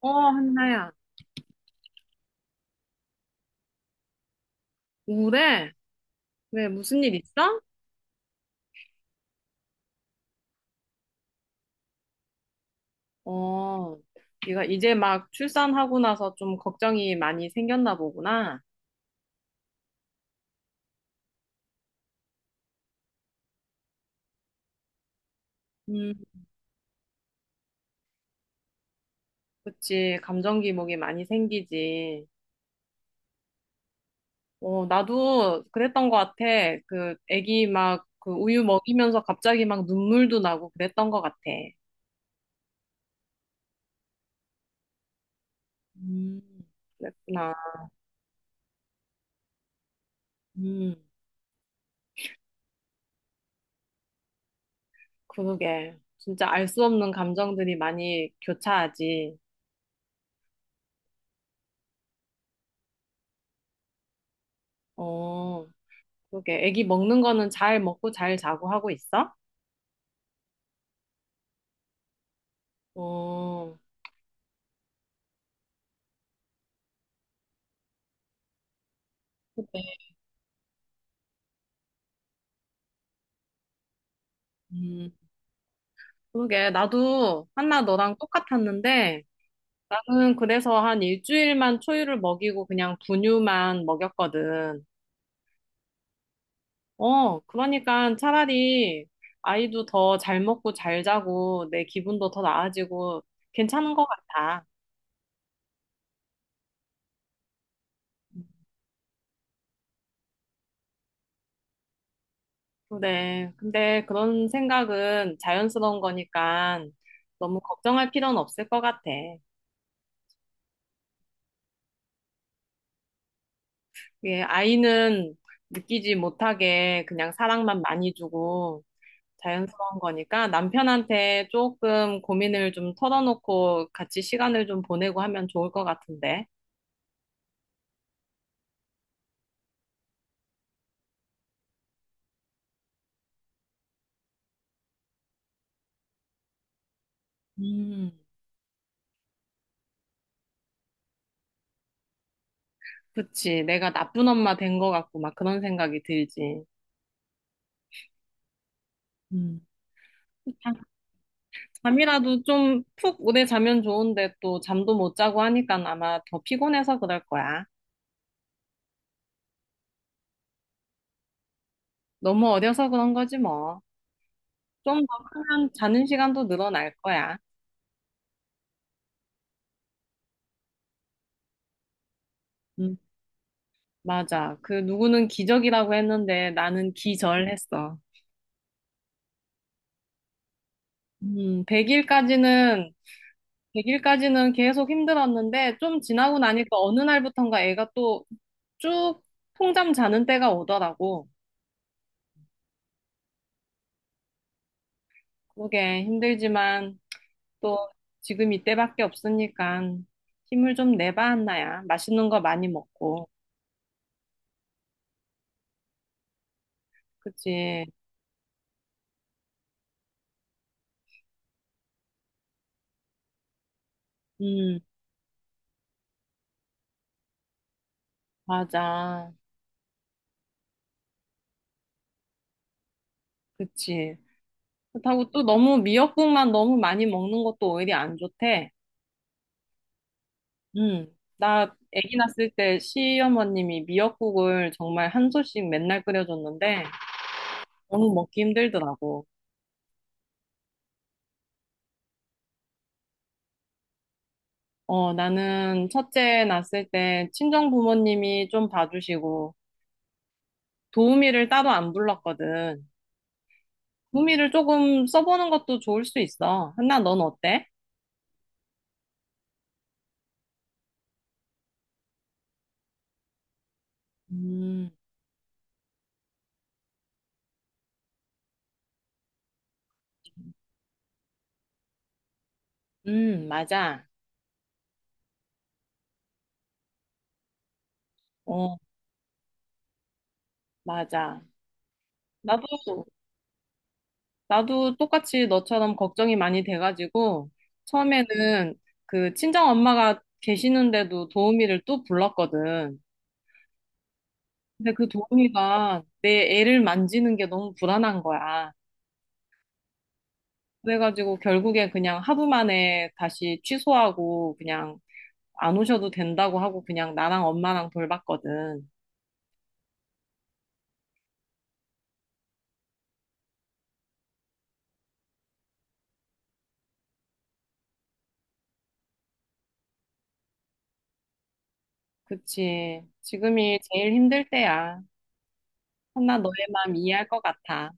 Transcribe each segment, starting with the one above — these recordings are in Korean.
어, 한나야. 우울해? 왜, 무슨 일 있어? 어, 네가 이제 막 출산하고 나서 좀 걱정이 많이 생겼나 보구나. 음, 그치. 감정 기복이 많이 생기지. 어, 나도 그랬던 것 같아. 그, 애기 막, 그 우유 먹이면서 갑자기 막 눈물도 나고 그랬던 것 같아. 음, 그랬구나. 음, 그러게. 진짜 알 수 없는 감정들이 많이 교차하지. 어. 그게 애기 먹는 거는 잘 먹고 잘 자고 하고 있어? 어, 그래. 음, 그러게. 나도 한나 너랑 똑같았는데 나는 그래서 한 일주일만 초유를 먹이고 그냥 분유만 먹였거든. 어, 그러니까 차라리 아이도 더 잘 먹고 잘 자고 내 기분도 더 나아지고 괜찮은 것 같아. 그래. 근데 그런 생각은 자연스러운 거니까 너무 걱정할 필요는 없을 것 같아. 예, 아이는 느끼지 못하게 그냥 사랑만 많이 주고 자연스러운 거니까 남편한테 조금 고민을 좀 털어놓고 같이 시간을 좀 보내고 하면 좋을 것 같은데. 음, 그치. 내가 나쁜 엄마 된 것 같고 막 그런 생각이 들지. 음. 자- 잠이라도 좀 푹 오래 자면 좋은데 또 잠도 못 자고 하니까 아마 더 피곤해서 그럴 거야. 너무 어려서 그런 거지 뭐. 좀 더 크면 자는 시간도 늘어날 거야. 맞아. 그 누구는 기적이라고 했는데 나는 기절했어. 음, 100일까지는 100일까지는 계속 힘들었는데 좀 지나고 나니까 어느 날부턴가 애가 또 쭉 통잠 자는 때가 오더라고. 그러게, 힘들지만 또 지금 이때밖에 없으니까 힘을 좀 내봐, 한나야. 맛있는 거 많이 먹고. 그치? 음, 맞아. 그치. 그렇다고 또 너무 미역국만 너무 많이 먹는 것도 오히려 안 좋대. 음, 나 아기 낳았을 때 시어머님이 미역국을 정말 한 소씩 맨날 끓여줬는데 너무 먹기 힘들더라고. 어, 나는 첫째 낳았을 때 친정 부모님이 좀 봐주시고 도우미를 따로 안 불렀거든. 도우미를 조금 써보는 것도 좋을 수 있어. 한나, 넌 어때? 음, 맞아. 어, 맞아. 나도 나도 똑같이 너처럼 걱정이 많이 돼가지고, 처음에는 그 친정 엄마가 계시는데도 도우미를 또 불렀거든. 근데 그 도우미가 내 애를 만지는 게 너무 불안한 거야. 그래가지고 결국에 그냥 하루 만에 다시 취소하고 그냥 안 오셔도 된다고 하고 그냥 나랑 엄마랑 돌봤거든. 그치. 지금이 제일 힘들 때야. 혼나 너의 마음 이해할 것 같아.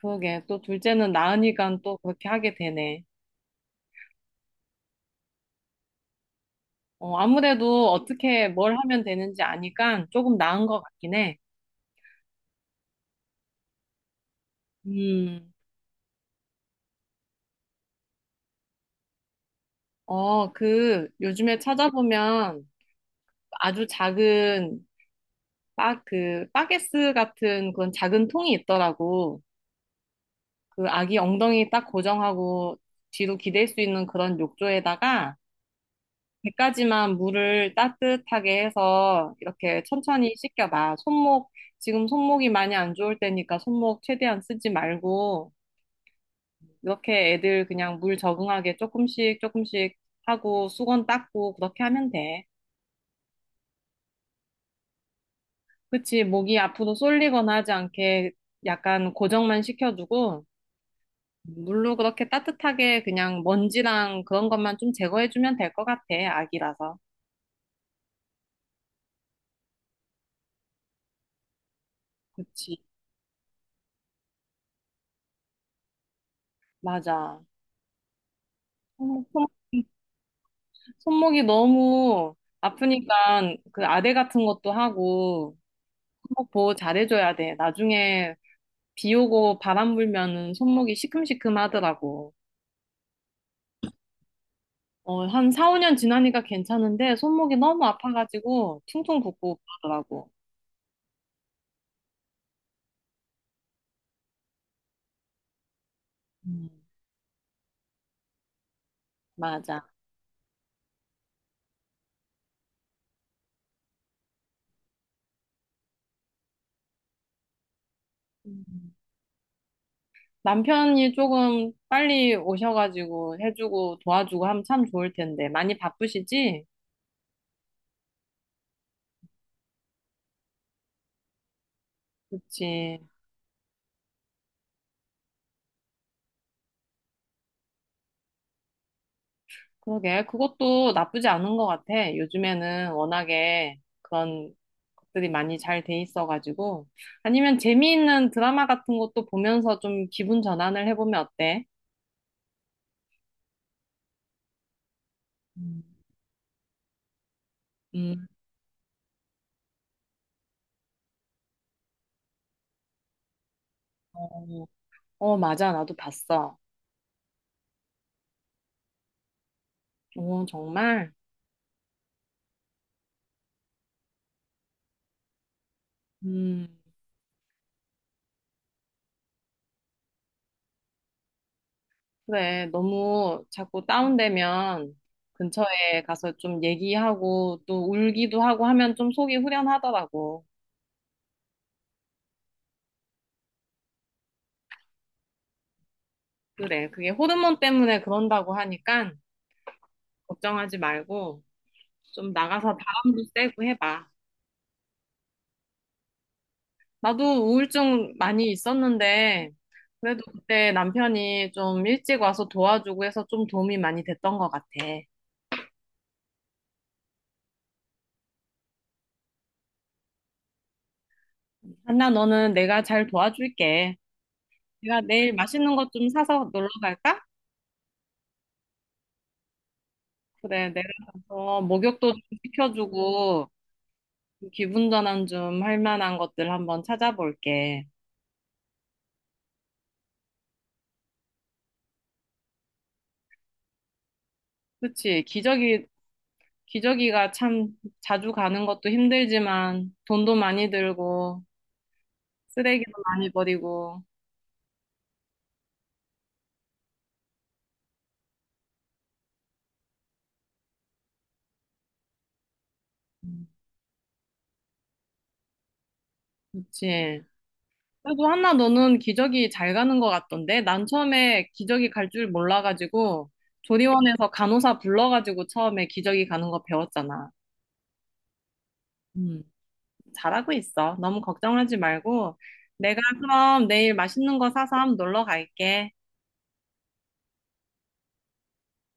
그러게. 또 둘째는 나으니까 또 그렇게 하게 되네. 어, 아무래도 어떻게 뭘 하면 되는지 아니까 조금 나은 것 같긴 해. 음, 어, 그, 요즘에 찾아보면 아주 작은, 그, 빠게스 같은 그런 작은 통이 있더라고. 그 아기 엉덩이 딱 고정하고 뒤로 기댈 수 있는 그런 욕조에다가 배까지만 물을 따뜻하게 해서 이렇게 천천히 씻겨봐. 손목, 지금 손목이 많이 안 좋을 때니까 손목 최대한 쓰지 말고. 이렇게 애들 그냥 물 적응하게 조금씩 조금씩 하고 수건 닦고 그렇게 하면 돼. 그치, 목이 앞으로 쏠리거나 하지 않게 약간 고정만 시켜주고 물로 그렇게 따뜻하게 그냥 먼지랑 그런 것만 좀 제거해주면 될 것 같아, 아기라서. 그치, 맞아. 손목, 손목- 손목이 너무 아프니까 그 아대 같은 것도 하고 손목 보호 잘해줘야 돼. 나중에 비 오고 바람 불면은 손목이 시큼시큼 하더라고. 어, 한 4, 5년 지나니까 괜찮은데 손목이 너무 아파가지고 퉁퉁 붓고 그러더라고. 음, 맞아. 음. 남편이 조금 빨리 오셔가지고 해주고 도와주고 하면 참 좋을 텐데. 많이 바쁘시지? 그치. 그러게. 그것도 나쁘지 않은 것 같아. 요즘에는 워낙에 그런 것들이 많이 잘 돼 있어가지고. 아니면 재미있는 드라마 같은 것도 보면서 좀 기분 전환을 해보면 어때? 음. 음. 어, 어, 맞아. 나도 봤어. 어, 정말? 음, 그래. 너무 자꾸 다운되면 근처에 가서 좀 얘기하고 또 울기도 하고 하면 좀 속이 후련하더라고. 그래. 그게 호르몬 때문에 그런다고 하니까 걱정하지 말고 좀 나가서 바람도 쐬고 해봐. 나도 우울증 많이 있었는데 그래도 그때 남편이 좀 일찍 와서 도와주고 해서 좀 도움이 많이 됐던 것 같아. 한나, 너는 내가 잘 도와줄게. 내가 내일 맛있는 것 좀 사서 놀러 갈까? 그래, 내가 가서 목욕도 좀 시켜주고 기분 전환 좀 할 만한 것들 한번 찾아볼게. 그치, 기저귀, 기저귀가 참 자주 가는 것도 힘들지만 돈도 많이 들고 쓰레기도 많이 버리고. 음, 그치. 그래도 한나 너는 기저귀 잘 가는 것 같던데? 난 처음에 기저귀 갈 줄 몰라가지고 조리원에서 간호사 불러가지고 처음에 기저귀 가는 거 배웠잖아. 음. 잘하고 있어. 너무 걱정하지 말고. 내가 그럼 내일 맛있는 거 사서 한번 놀러 갈게.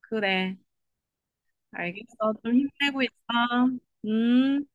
그래. 알겠어. 좀 힘내고 있어. 음.